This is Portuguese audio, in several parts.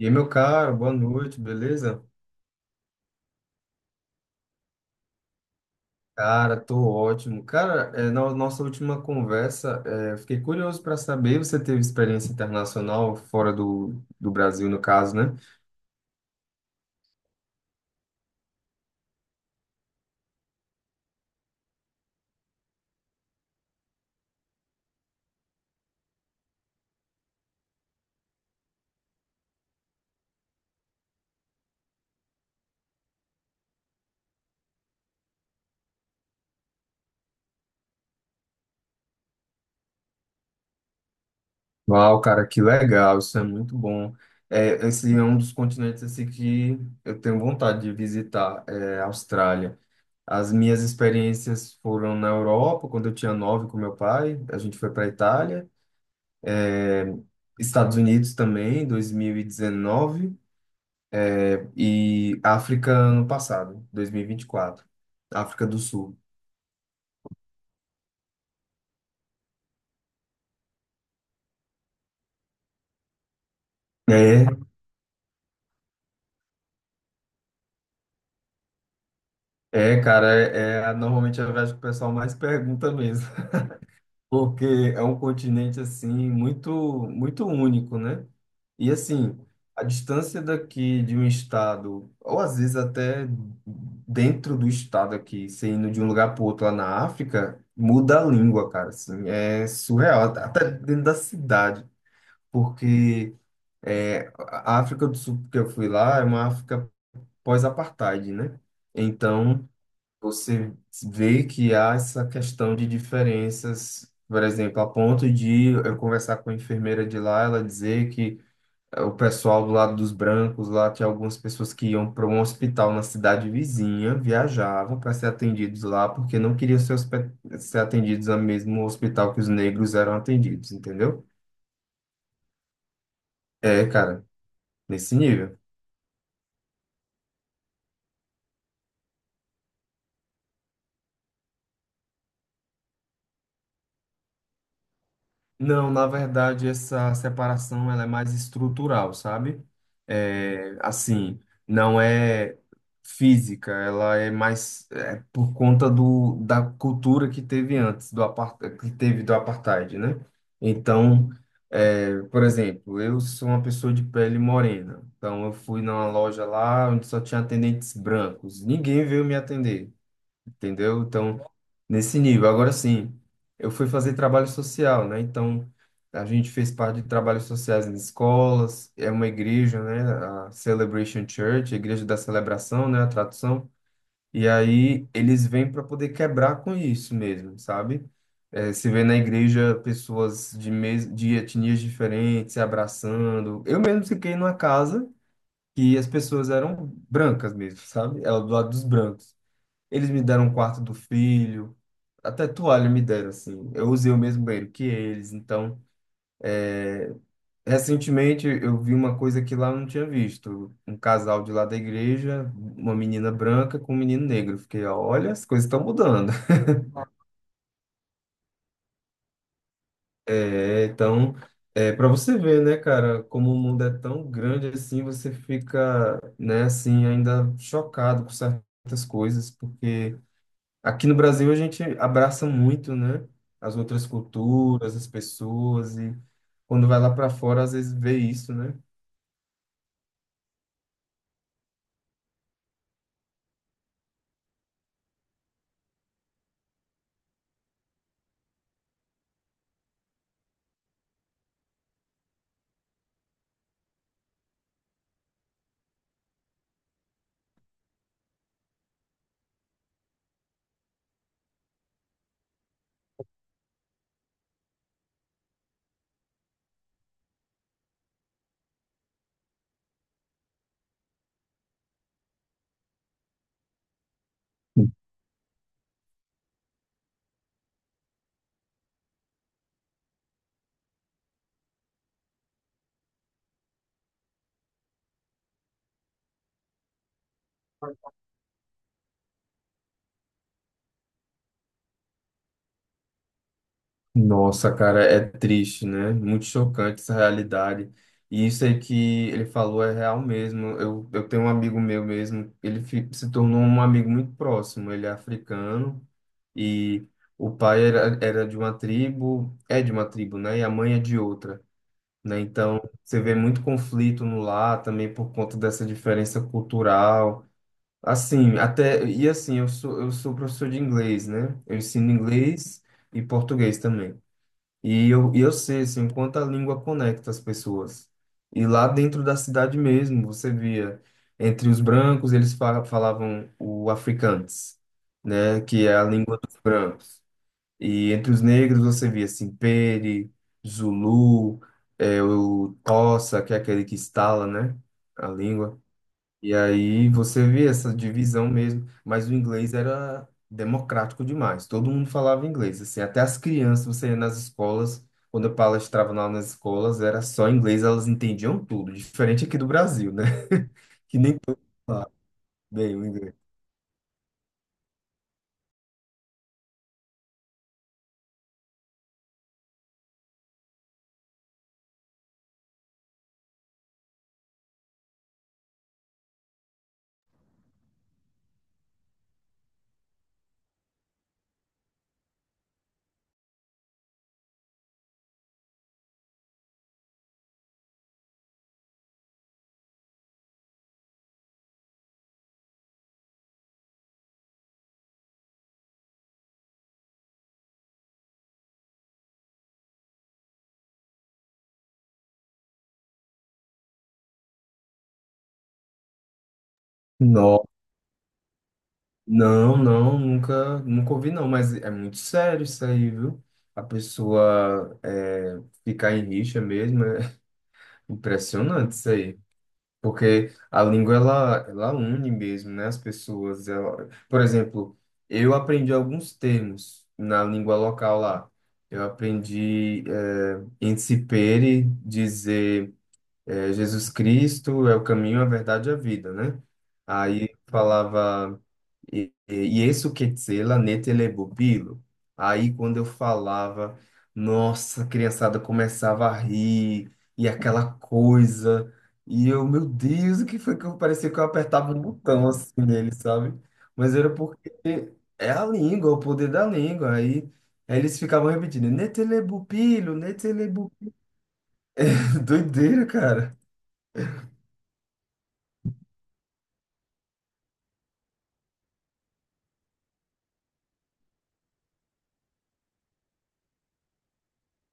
E aí, meu caro, boa noite, beleza? Cara, tô ótimo. Cara, na nossa última conversa, eu fiquei curioso para saber, você teve experiência internacional fora do Brasil, no caso, né? Uau, cara, que legal, isso é muito bom. É, esse é um dos continentes assim, que eu tenho vontade de visitar, é a Austrália. As minhas experiências foram na Europa, quando eu tinha nove com meu pai, a gente foi para Itália. é, Estados Unidos também, 2019. E África ano passado, 2024, África do Sul. É, cara, é normalmente a viagem que o pessoal mais pergunta mesmo, porque é um continente assim muito único, né? E assim, a distância daqui de um estado, ou às vezes até dentro do estado aqui, você indo de um lugar para outro lá na África, muda a língua, cara, assim, é surreal, até dentro da cidade, porque é, a África do Sul que eu fui lá é uma África pós-apartheid, né? Então, você vê que há essa questão de diferenças, por exemplo, a ponto de eu conversar com a enfermeira de lá, ela dizer que o pessoal do lado dos brancos lá tinha algumas pessoas que iam para um hospital na cidade vizinha, viajavam para ser atendidos lá, porque não queriam ser, ser atendidos no mesmo hospital que os negros eram atendidos, entendeu? É, cara, nesse nível. Não, na verdade, essa separação ela é mais estrutural, sabe? É, assim, não é física, ela é mais é, por conta da cultura que teve antes, que teve do apartheid, né? Então, é, por exemplo, eu sou uma pessoa de pele morena, então eu fui numa loja lá onde só tinha atendentes brancos, ninguém veio me atender, entendeu? Então, nesse nível. Agora sim, eu fui fazer trabalho social, né? Então, a gente fez parte de trabalhos sociais em escolas, é uma igreja, né? A Celebration Church, a Igreja da Celebração, né? A tradução. E aí, eles vêm para poder quebrar com isso mesmo, sabe? É, se vê na igreja pessoas de, mes... de etnias diferentes se abraçando. Eu mesmo fiquei numa casa que as pessoas eram brancas mesmo, sabe? Era do lado dos brancos. Eles me deram um quarto do filho, até toalha me deram, assim. Eu usei o mesmo banheiro que eles. Então, recentemente eu vi uma coisa que lá eu não tinha visto. Um casal de lá da igreja, uma menina branca com um menino negro. Eu fiquei, olha, as coisas estão mudando. É, então, é para você ver, né, cara, como o mundo é tão grande assim, você fica, né, assim, ainda chocado com certas coisas, porque aqui no Brasil a gente abraça muito, né? As outras culturas, as pessoas e quando vai lá para fora às vezes vê isso, né? Nossa, cara, é triste, né? Muito chocante essa realidade. E isso aí que ele falou é real mesmo. Eu tenho um amigo meu mesmo, se tornou um amigo muito próximo. Ele é africano e o pai era de uma tribo, é de uma tribo, né? E a mãe é de outra. Né? Então, você vê muito conflito no lar também por conta dessa diferença cultural. Assim, até e assim, eu sou professor de inglês, né? Eu ensino inglês e português também. E eu sei, assim, o quanto a língua conecta as pessoas. E lá dentro da cidade mesmo, você via entre os brancos, falavam o afrikaans, né, que é a língua dos brancos. E entre os negros você via Simpere, Zulu, o Tossa, que é aquele que estala, né, a língua. E aí você via essa divisão mesmo, mas o inglês era democrático demais. Todo mundo falava inglês, assim, até as crianças, você ia nas escolas, quando eu palestrava lá nas escolas, era só inglês, elas entendiam tudo, diferente aqui do Brasil, né? Que nem todo mundo fala bem o inglês. Não, nunca, nunca ouvi não, mas é muito sério isso aí, viu? A pessoa é, ficar em rixa mesmo, é impressionante isso aí. Porque a língua, ela une mesmo, né? As pessoas, ela... Por exemplo, eu aprendi alguns termos na língua local lá. Eu aprendi é, incipere, dizer é, Jesus Cristo é o caminho, a verdade e a vida, né? Aí falava... isso que tzela netelebubilo. Aí quando eu falava, nossa, a criançada começava a rir, e aquela coisa. E eu, meu Deus, o que foi que eu parecia que eu apertava um botão assim nele, sabe? Mas era porque é a língua, o poder da língua. Aí eles ficavam repetindo, netelebubilo, netelebubilo. Doideira, cara.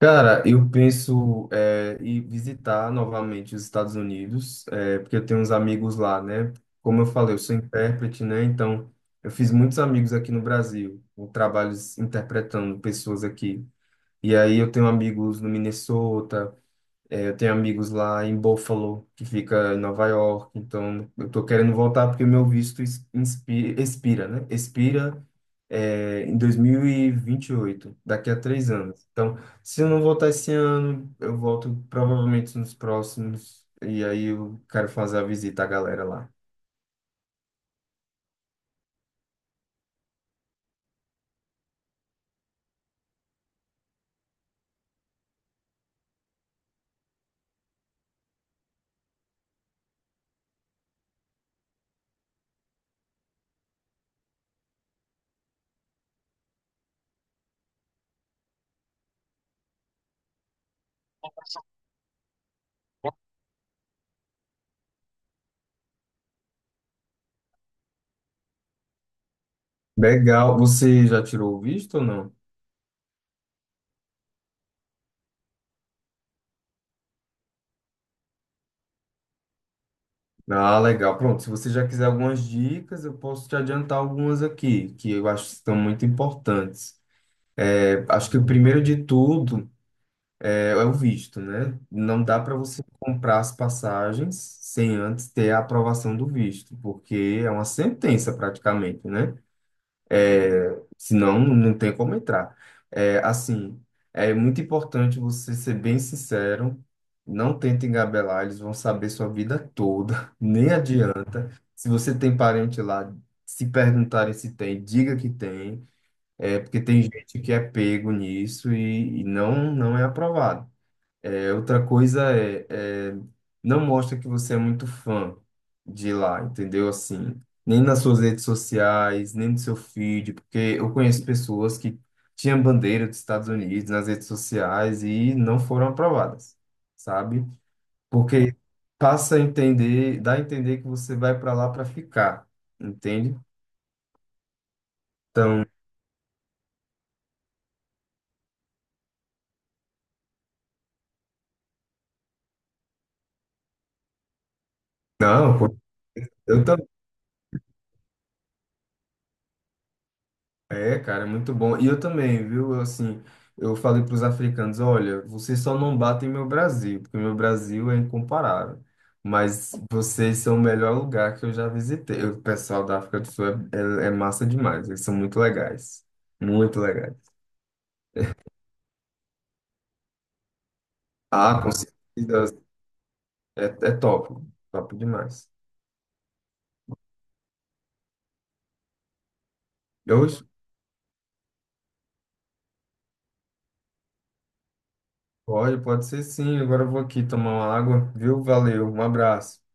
Cara, eu penso é, em visitar novamente os Estados Unidos, é, porque eu tenho uns amigos lá, né? Como eu falei, eu sou intérprete, né? Então, eu fiz muitos amigos aqui no Brasil, eu trabalho interpretando pessoas aqui. E aí eu tenho amigos no Minnesota, é, eu tenho amigos lá em Buffalo, que fica em Nova York, então eu tô querendo voltar porque o meu visto expira, né? Expira, é, em 2028, daqui a 3 anos. Então, se eu não voltar esse ano, eu volto provavelmente nos próximos, e aí eu quero fazer a visita à galera lá. Legal, você já tirou o visto ou não? Ah, legal. Pronto, se você já quiser algumas dicas, eu posso te adiantar algumas aqui, que eu acho que são muito importantes. Acho que o primeiro de tudo é o visto, né? Não dá para você comprar as passagens sem antes ter a aprovação do visto, porque é uma sentença praticamente, né? Senão não tem como entrar. É, assim, é muito importante você ser bem sincero, não tenta engabelar, eles vão saber sua vida toda, nem adianta. Se você tem parente lá, se perguntarem se tem, diga que tem. É porque tem gente que é pego nisso e não, não é aprovado. É, outra coisa é, não mostra que você é muito fã de lá, entendeu? Assim, nem nas suas redes sociais, nem no seu feed, porque eu conheço pessoas que tinham bandeira dos Estados Unidos nas redes sociais e não foram aprovadas, sabe? Porque dá a entender que você vai para lá para ficar, entende? Então, não, eu também. É, cara, é muito bom. E eu também, viu? Eu, assim, eu falei para os africanos, olha, vocês só não batem meu Brasil, porque meu Brasil é incomparável. Mas vocês são o melhor lugar que eu já visitei. O pessoal da África do Sul é, é massa demais. Eles são muito legais. Muito legais. Ah, com certeza. É, é top. Top demais. Eu, pode, pode ser sim. Agora eu vou aqui tomar uma água, viu? Valeu, um abraço.